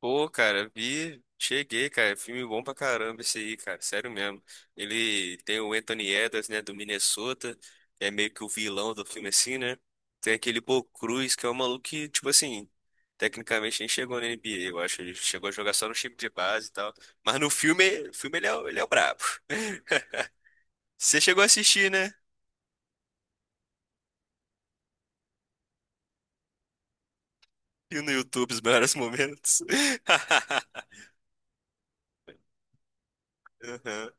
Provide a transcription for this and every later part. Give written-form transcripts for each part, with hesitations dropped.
Pô, cara, vi, cheguei, cara. Filme bom pra caramba esse aí, cara. Sério mesmo. Ele tem o Anthony Edwards, né, do Minnesota, que é meio que o vilão do filme, assim, né? Tem aquele Bo Cruz, que é um maluco que, tipo assim, tecnicamente nem chegou na NBA, eu acho. Ele chegou a jogar só no time de base e tal. Mas no filme ele é, ele é o brabo. Você chegou a assistir, né? Viu no YouTube os melhores momentos. Aham.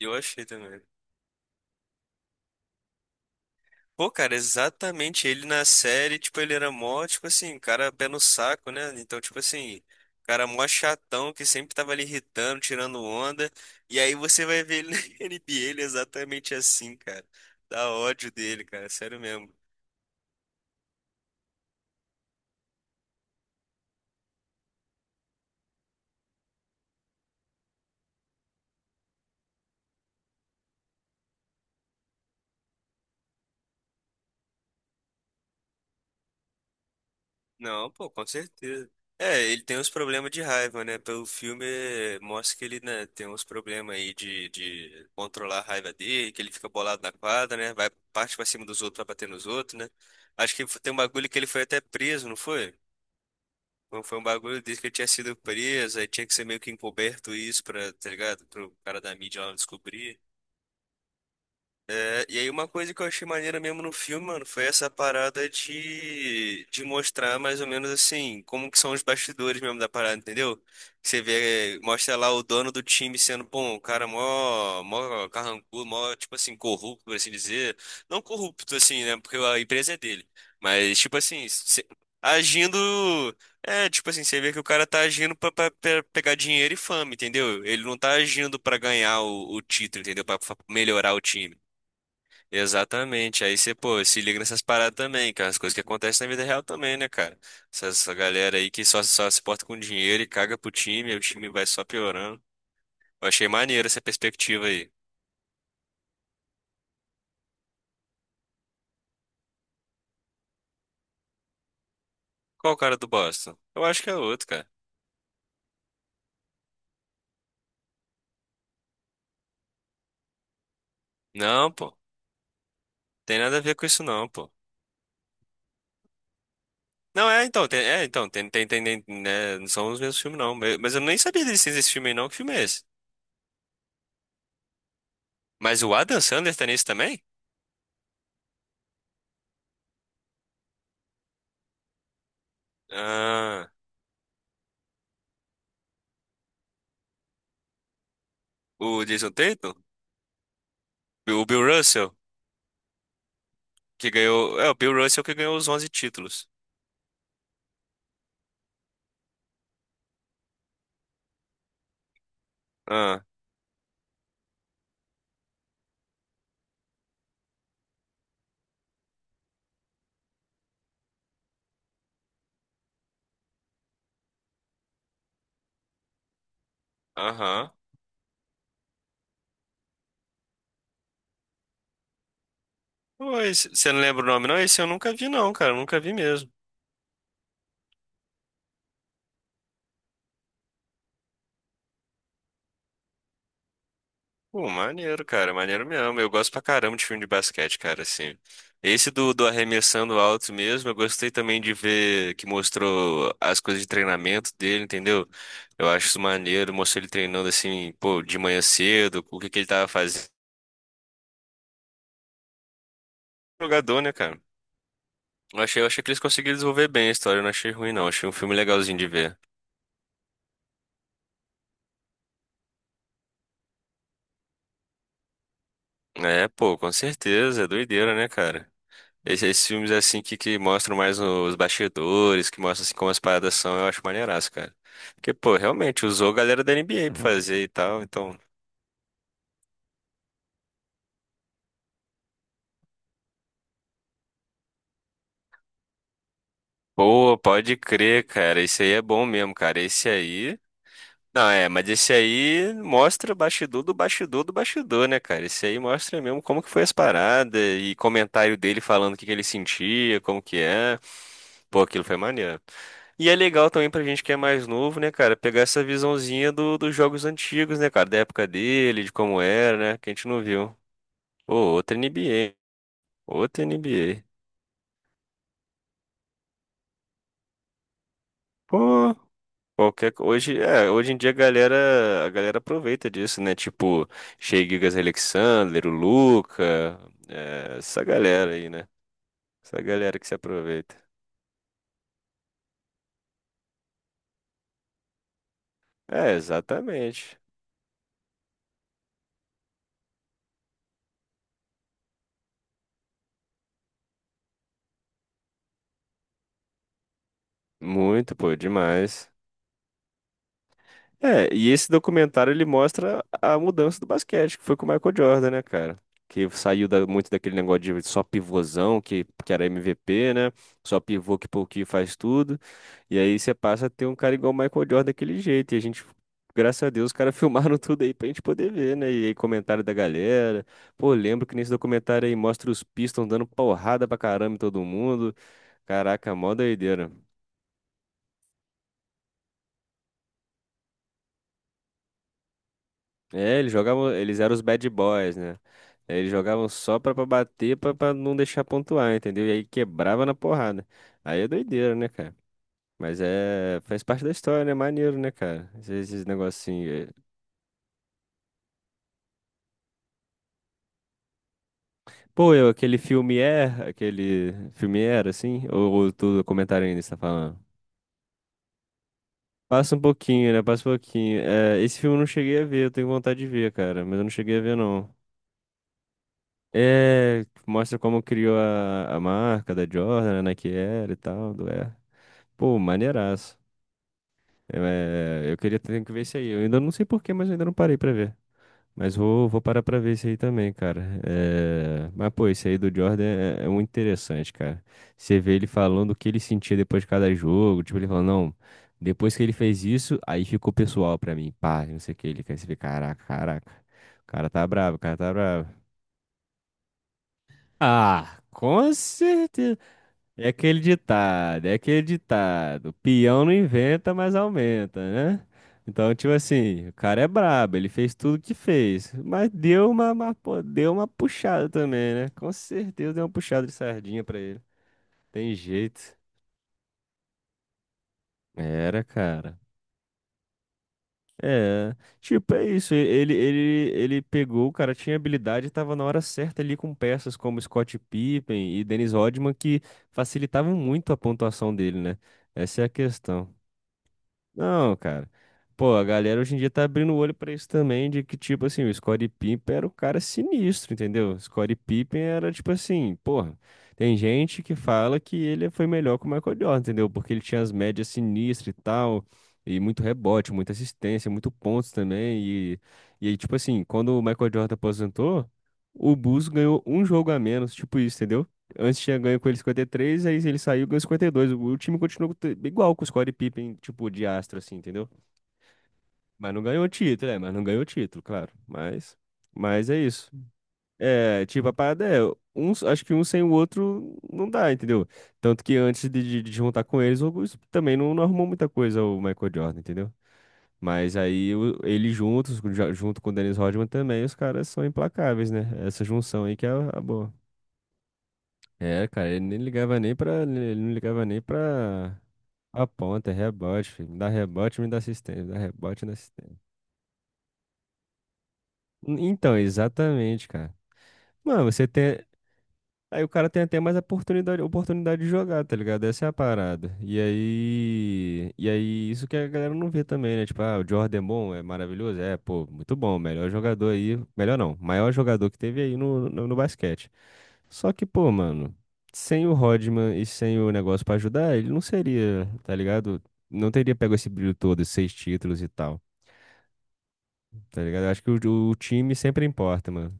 Eu achei também. Pô, cara, exatamente ele na série, tipo, ele era mó, tipo assim, um cara pé no saco, né? Então, tipo assim, um cara mó chatão que sempre tava ali irritando, tirando onda. E aí você vai ver ele na NBA, ele é exatamente assim, cara. Dá ódio dele, cara, sério mesmo. Não, pô, com certeza. É, ele tem uns problemas de raiva, né? Pelo filme mostra que ele, né, tem uns problemas aí de controlar a raiva dele, que ele fica bolado na quadra, né? Vai parte pra cima dos outros, vai bater nos outros, né? Acho que tem um bagulho que ele foi até preso, não foi? Não, foi um bagulho desse que ele tinha sido preso, aí tinha que ser meio que encoberto isso pra, tá ligado? Pro cara da mídia lá não descobrir. É, e aí uma coisa que eu achei maneira mesmo no filme, mano, foi essa parada de mostrar mais ou menos assim, como que são os bastidores mesmo da parada, entendeu? Você vê, mostra lá o dono do time sendo, pô, um cara mó carrancudo, mó, tipo assim, corrupto, por assim dizer. Não corrupto, assim, né, porque a empresa é dele. Mas, tipo assim, agindo. É, tipo assim, você vê que o cara tá agindo pra pegar dinheiro e fama, entendeu? Ele não tá agindo pra ganhar o título, entendeu? Pra melhorar o time. Exatamente. Aí você, pô, se liga nessas paradas também, cara. As coisas que acontecem na vida real também, né, cara? Essa galera aí que só se porta com dinheiro e caga pro time, aí o time vai só piorando. Eu achei maneiro essa perspectiva aí. Qual o cara do Boston? Eu acho que é outro, cara. Não, pô. Tem nada a ver com isso, não, pô. Não, é, então, né, não são os mesmos filmes, não. Mas eu nem sabia da existência desse filme aí, não. Que filme é esse? Mas o Adam Sandler tá nisso também? Ah, o Jason Tatum? O Bill Russell? Que ganhou. É, o Bill Russell que ganhou os 11 títulos. Ah, aham. Pois, você não lembra o nome, não? Esse eu nunca vi, não, cara. Eu nunca vi mesmo. Pô, maneiro, cara. Maneiro mesmo. Eu gosto pra caramba de filme de basquete, cara, assim. Esse do arremessando alto mesmo, eu gostei também de ver que mostrou as coisas de treinamento dele, entendeu? Eu acho isso maneiro, mostrou ele treinando assim, pô, de manhã cedo, o que que ele tava fazendo. Jogador, né, cara? Eu achei que eles conseguiram desenvolver bem a história, eu não achei ruim, não. Achei um filme legalzinho de ver. É, pô, com certeza, é doideira, né, cara? Esses filmes assim que mostram mais os bastidores, que mostram assim como as paradas são, eu acho maneiraço, cara. Porque, pô, realmente usou a galera da NBA pra fazer e tal, então. Pô, pode crer, cara. Esse aí é bom mesmo, cara. Esse aí. Não, é, mas esse aí mostra o bastidor do bastidor do bastidor, né, cara? Esse aí mostra mesmo como que foi as paradas e comentário dele falando o que que ele sentia, como que é. Pô, aquilo foi maneiro. E é legal também pra gente que é mais novo, né, cara, pegar essa visãozinha dos jogos antigos, né, cara, da época dele, de como era, né, que a gente não viu. Pô, outra NBA, outra NBA. Pô. Hoje em dia a galera aproveita disso, né? Tipo, Shea Gigas Alexander, o Luca, é, essa galera aí, né? Essa galera que se aproveita. É, exatamente. Muito, pô, demais. É, e esse documentário ele mostra a mudança do basquete, que foi com o Michael Jordan, né, cara? Que saiu muito daquele negócio de só pivôzão, que era MVP, né? Só pivô que pouquinho faz tudo. E aí você passa a ter um cara igual o Michael Jordan daquele jeito. E a gente, graças a Deus, os caras filmaram tudo aí pra gente poder ver, né? E aí comentário da galera. Pô, lembro que nesse documentário aí mostra os Pistons dando porrada pra caramba em todo mundo. Caraca, mó doideira. É, eles jogavam, eles eram os bad boys, né? Eles jogavam só pra bater, pra não deixar pontuar, entendeu? E aí quebrava na porrada. Aí é doideira, né, cara? Mas é, faz parte da história, né? Maneiro, né, cara? Esses negocinhos. É. Pô, aquele filme era, assim? Ou tu comentário ainda está falando? Passa um pouquinho, né? Passa um pouquinho. É, esse filme eu não cheguei a ver, eu tenho vontade de ver, cara, mas eu não cheguei a ver, não. É, mostra como criou a marca da Jordan, a Nike Air e tal, do Air. Pô, maneiraço. Eu queria ter que ver isso aí. Eu ainda não sei porquê, mas eu ainda não parei pra ver. Mas vou parar pra ver isso aí também, cara. É, mas, pô, isso aí do Jordan é muito interessante, cara. Você vê ele falando o que ele sentia depois de cada jogo. Tipo, ele falou, não, depois que ele fez isso, aí ficou pessoal pra mim. Pá, não sei o que. Ele quer se ver, caraca, caraca. O cara tá bravo, o cara tá bravo. Ah, com certeza. É aquele ditado, é aquele ditado. Peão não inventa, mas aumenta, né? Então, tipo assim, o cara é brabo, ele fez tudo que fez, mas deu pô, deu uma puxada também, né? Com certeza deu uma puxada de sardinha pra ele. Tem jeito. Era, cara. É, tipo, é isso. Ele pegou, o cara tinha habilidade e tava na hora certa ali com peças como Scott Pippen e Dennis Rodman que facilitavam muito a pontuação dele, né? Essa é a questão. Não, cara. Pô, a galera hoje em dia tá abrindo o olho pra isso também, de que, tipo assim, o Scottie Pippen era o cara sinistro, entendeu? O Scottie Pippen era, tipo assim, porra, tem gente que fala que ele foi melhor que o Michael Jordan, entendeu? Porque ele tinha as médias sinistras e tal, e muito rebote, muita assistência, muito pontos também, e aí, tipo assim, quando o Michael Jordan aposentou, o Bulls ganhou um jogo a menos, tipo isso, entendeu? Antes tinha ganho com ele 53, aí ele saiu e ganhou 52. O time continuou igual com o Scottie Pippen, tipo, de astro, assim, entendeu? Mas não ganhou título, é, mas não ganhou título, claro. Mas é isso. É, tipo, a parada é, acho que um sem o outro não dá, entendeu? Tanto que antes de juntar com eles, o Augusto também não arrumou muita coisa o Michael Jordan, entendeu? Mas aí ele juntos, junto com o Dennis Rodman também, os caras são implacáveis, né? Essa junção aí que é a boa. É, cara, ele nem ligava nem pra. Ele não ligava nem pra. A ponta, é rebote, filho. Me dá rebote, me dá assistência. Me dá rebote, me dá assistência. Então, exatamente, cara. Mano, você tem. Aí o cara tem até mais oportunidade de jogar, tá ligado? Essa é a parada. E aí isso que a galera não vê também, né? Tipo, ah, o Jordan é bom, é maravilhoso, é, pô, muito bom, melhor jogador aí, melhor não, maior jogador que teve aí no basquete. Só que, pô, mano, sem o Rodman e sem o negócio pra ajudar, ele não seria, tá ligado? Não teria pego esse brilho todo, esses 6 títulos e tal, tá ligado? Eu acho que o time sempre importa, mano.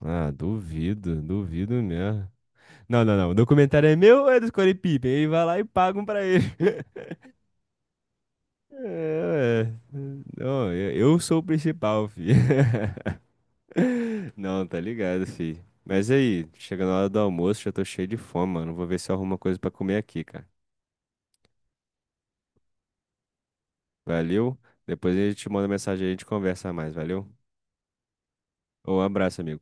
Ah, duvido, duvido mesmo. Não, não, não. O documentário é meu ou é do Scottie Pippen? Ele vai lá e pagam pra ele. É, ué. Não, eu sou o principal, filho. Não, tá ligado, filho. Mas aí, chegando a hora do almoço, já tô cheio de fome, mano. Vou ver se eu arrumo uma coisa pra comer aqui, cara. Valeu? Depois a gente te manda mensagem aí, a gente conversa mais, valeu? Um abraço, amigo.